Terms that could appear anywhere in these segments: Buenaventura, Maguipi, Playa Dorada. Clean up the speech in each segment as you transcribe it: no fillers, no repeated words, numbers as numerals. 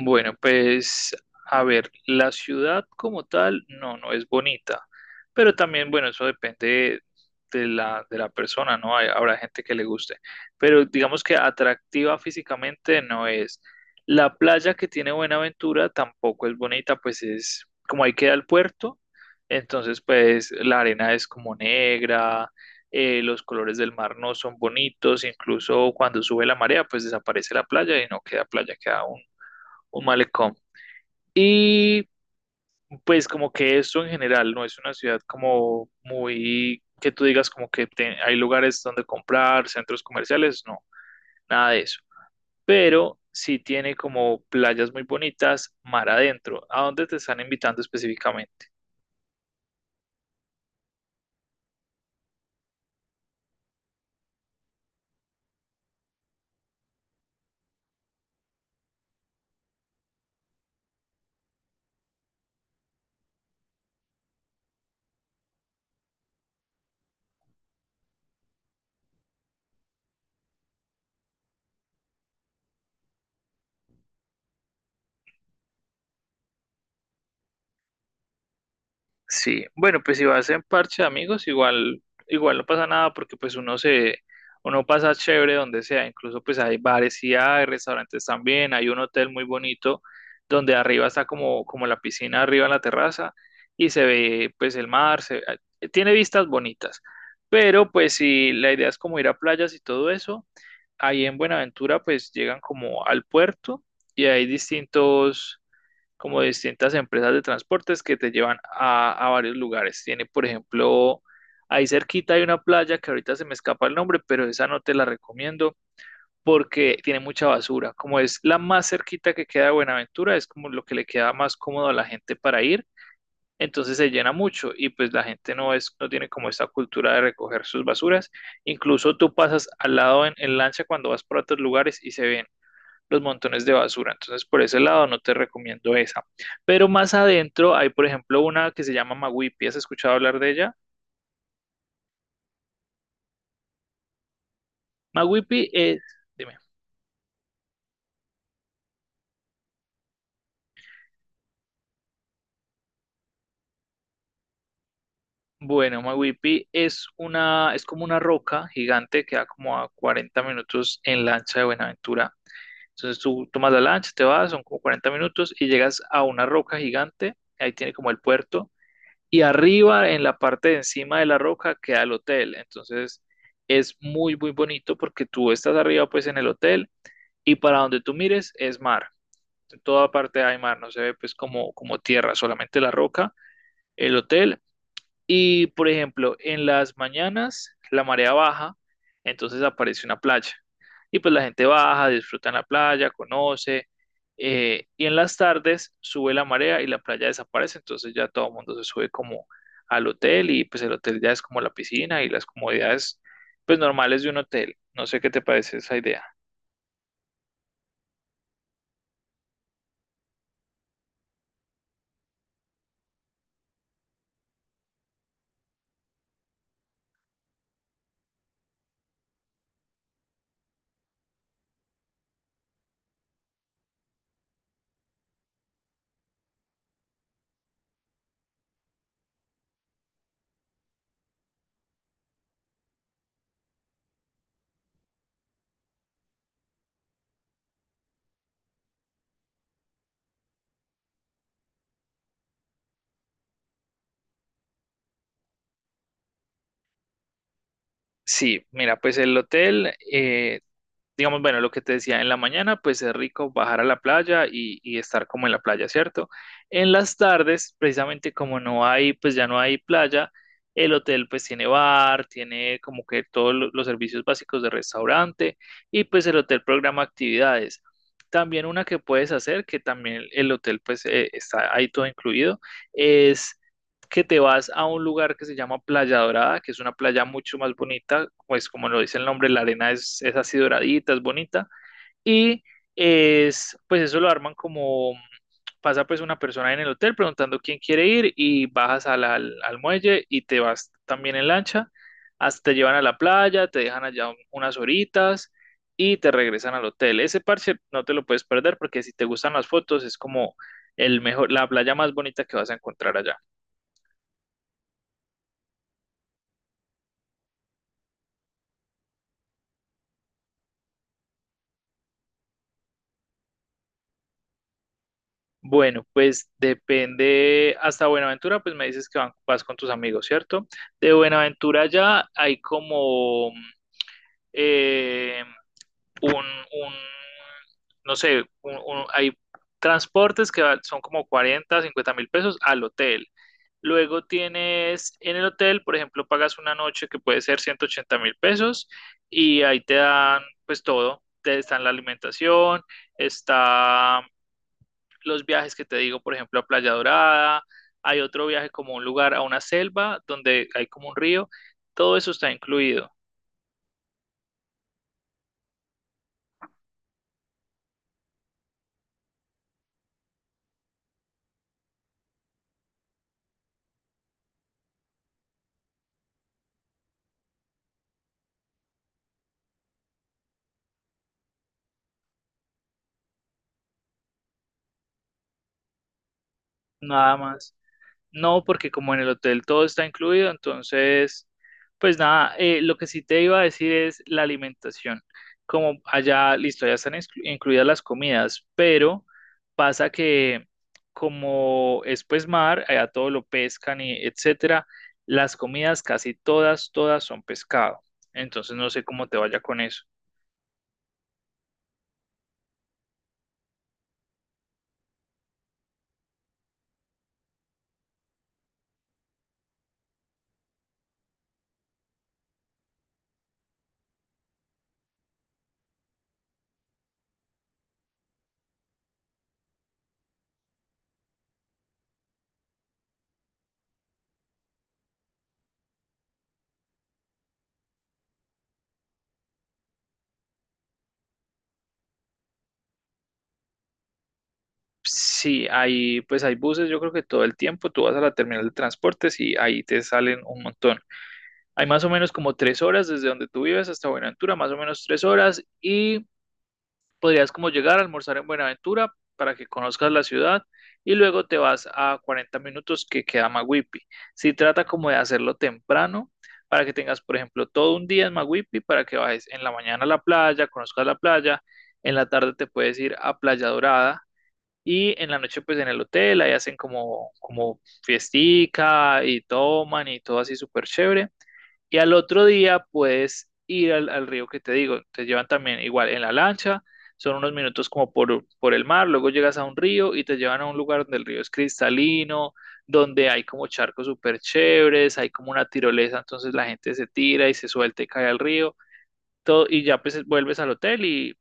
Bueno, pues a ver, la ciudad como tal, no, no es bonita, pero también, bueno, eso depende de la persona, ¿no? Habrá gente que le guste, pero digamos que atractiva físicamente no es. La playa que tiene Buenaventura tampoco es bonita, pues es como ahí queda el puerto, entonces pues la arena es como negra, los colores del mar no son bonitos, incluso cuando sube la marea, pues desaparece la playa y no queda playa, queda un malecón. Y pues como que esto en general no es una ciudad como muy que tú digas como que hay lugares donde comprar, centros comerciales, no, nada de eso. Pero sí tiene como playas muy bonitas mar adentro. ¿A dónde te están invitando específicamente? Sí, bueno, pues si vas en parche de amigos, igual, igual no pasa nada porque pues uno pasa chévere donde sea, incluso pues hay bares y hay restaurantes también, hay un hotel muy bonito donde arriba está como, como la piscina arriba en la terraza y se ve pues el mar, tiene vistas bonitas, pero pues si la idea es como ir a playas y todo eso, ahí en Buenaventura pues llegan como al puerto y hay distintos como distintas empresas de transportes que te llevan a varios lugares. Tiene, por ejemplo, ahí cerquita hay una playa que ahorita se me escapa el nombre, pero esa no te la recomiendo porque tiene mucha basura. Como es la más cerquita que queda de Buenaventura, es como lo que le queda más cómodo a la gente para ir. Entonces se llena mucho y pues la gente no es, no tiene como esta cultura de recoger sus basuras. Incluso tú pasas al lado en lancha cuando vas por otros lugares y se ven los montones de basura. Entonces, por ese lado no te recomiendo esa. Pero más adentro hay, por ejemplo, una que se llama Maguipi. ¿Has escuchado hablar de ella? Maguipi es. Dime. Bueno, Maguipi es como una roca gigante que da como a 40 minutos en lancha de Buenaventura. Entonces tú tomas la lancha, te vas, son como 40 minutos y llegas a una roca gigante, ahí tiene como el puerto, y arriba, en la parte de encima de la roca, queda el hotel. Entonces es muy, muy bonito porque tú estás arriba pues en el hotel y para donde tú mires es mar. En toda parte hay mar, no se ve pues como, como tierra, solamente la roca, el hotel y, por ejemplo, en las mañanas la marea baja, entonces aparece una playa. Y pues la gente baja, disfruta en la playa, conoce. Y en las tardes sube la marea y la playa desaparece, entonces ya todo el mundo se sube como al hotel y pues el hotel ya es como la piscina y las comodidades pues normales de un hotel. No sé qué te parece esa idea. Sí, mira, pues el hotel, digamos, bueno, lo que te decía, en la mañana pues es rico bajar a la playa y estar como en la playa, ¿cierto? En las tardes, precisamente como no hay, pues ya no hay playa, el hotel pues tiene bar, tiene como que todos los servicios básicos de restaurante y pues el hotel programa actividades. También una que puedes hacer, que también el hotel pues está ahí todo incluido, es que te vas a un lugar que se llama Playa Dorada, que es una playa mucho más bonita, pues como lo dice el nombre, la arena es así doradita, es bonita, y pues eso lo arman como, pasa pues una persona en el hotel preguntando quién quiere ir y bajas al muelle y te vas también en lancha, hasta te llevan a la playa, te dejan allá unas horitas y te regresan al hotel. Ese parche no te lo puedes perder porque si te gustan las fotos es como el mejor, la playa más bonita que vas a encontrar allá. Bueno, pues depende, hasta Buenaventura, pues me dices que vas con tus amigos, ¿cierto? De Buenaventura ya hay como eh, un, un, no sé, hay transportes que son como 40, 50 mil pesos al hotel. Luego tienes en el hotel, por ejemplo, pagas una noche que puede ser 180.000 pesos y ahí te dan pues todo. Te, está la alimentación, está los viajes que te digo, por ejemplo, a Playa Dorada, hay otro viaje como a un lugar, a una selva donde hay como un río, todo eso está incluido, nada más. No, porque como en el hotel todo está incluido, entonces, pues nada, lo que sí te iba a decir es la alimentación. Como allá, listo, ya están incluidas las comidas, pero pasa que como es pues mar, allá todo lo pescan y etcétera, las comidas casi todas, todas son pescado. Entonces no sé cómo te vaya con eso. Sí, hay, pues hay buses, yo creo que todo el tiempo tú vas a la terminal de transportes y ahí te salen un montón. Hay más o menos como 3 horas desde donde tú vives hasta Buenaventura, más o menos 3 horas, y podrías como llegar a almorzar en Buenaventura para que conozcas la ciudad y luego te vas a 40 minutos que queda Maguipi. Si trata como de hacerlo temprano para que tengas, por ejemplo, todo un día en Maguipi para que bajes en la mañana a la playa, conozcas la playa, en la tarde te puedes ir a Playa Dorada y en la noche pues en el hotel ahí hacen como fiestica y toman y todo así súper chévere. Y al otro día puedes ir al río que te digo. Te llevan también igual en la lancha, son unos minutos como por el mar, luego llegas a un río y te llevan a un lugar donde el río es cristalino, donde hay como charcos súper chéveres, hay como una tirolesa, entonces la gente se tira y se suelta y cae al río. Todo, y ya pues vuelves al hotel y,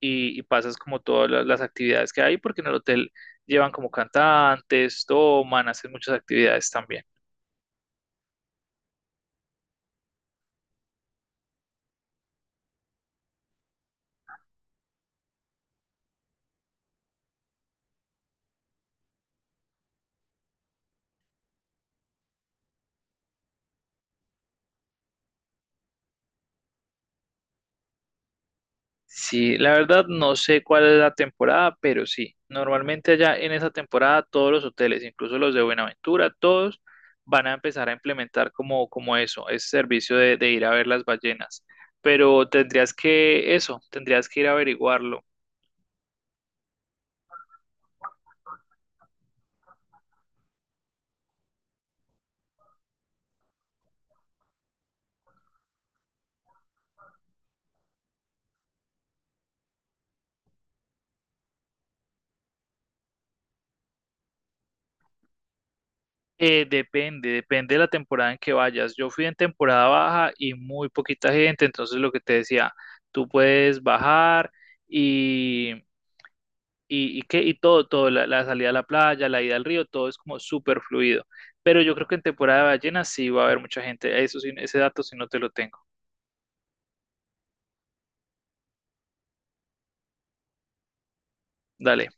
y, y pasas como todas las actividades que hay, porque en el hotel llevan como cantantes, toman, hacen muchas actividades también. Sí, la verdad no sé cuál es la temporada, pero sí, normalmente allá en esa temporada todos los hoteles, incluso los de Buenaventura, todos van a empezar a implementar como, como eso, ese servicio de ir a ver las ballenas. Pero tendrías que, eso, tendrías que ir a averiguarlo. Depende de la temporada en que vayas. Yo fui en temporada baja y muy poquita gente, entonces lo que te decía, tú puedes bajar qué y todo, todo, salida a la playa, la ida al río, todo es como súper fluido. Pero yo creo que en temporada de ballenas sí va a haber mucha gente. Eso sí, ese dato sí no te lo tengo. Dale.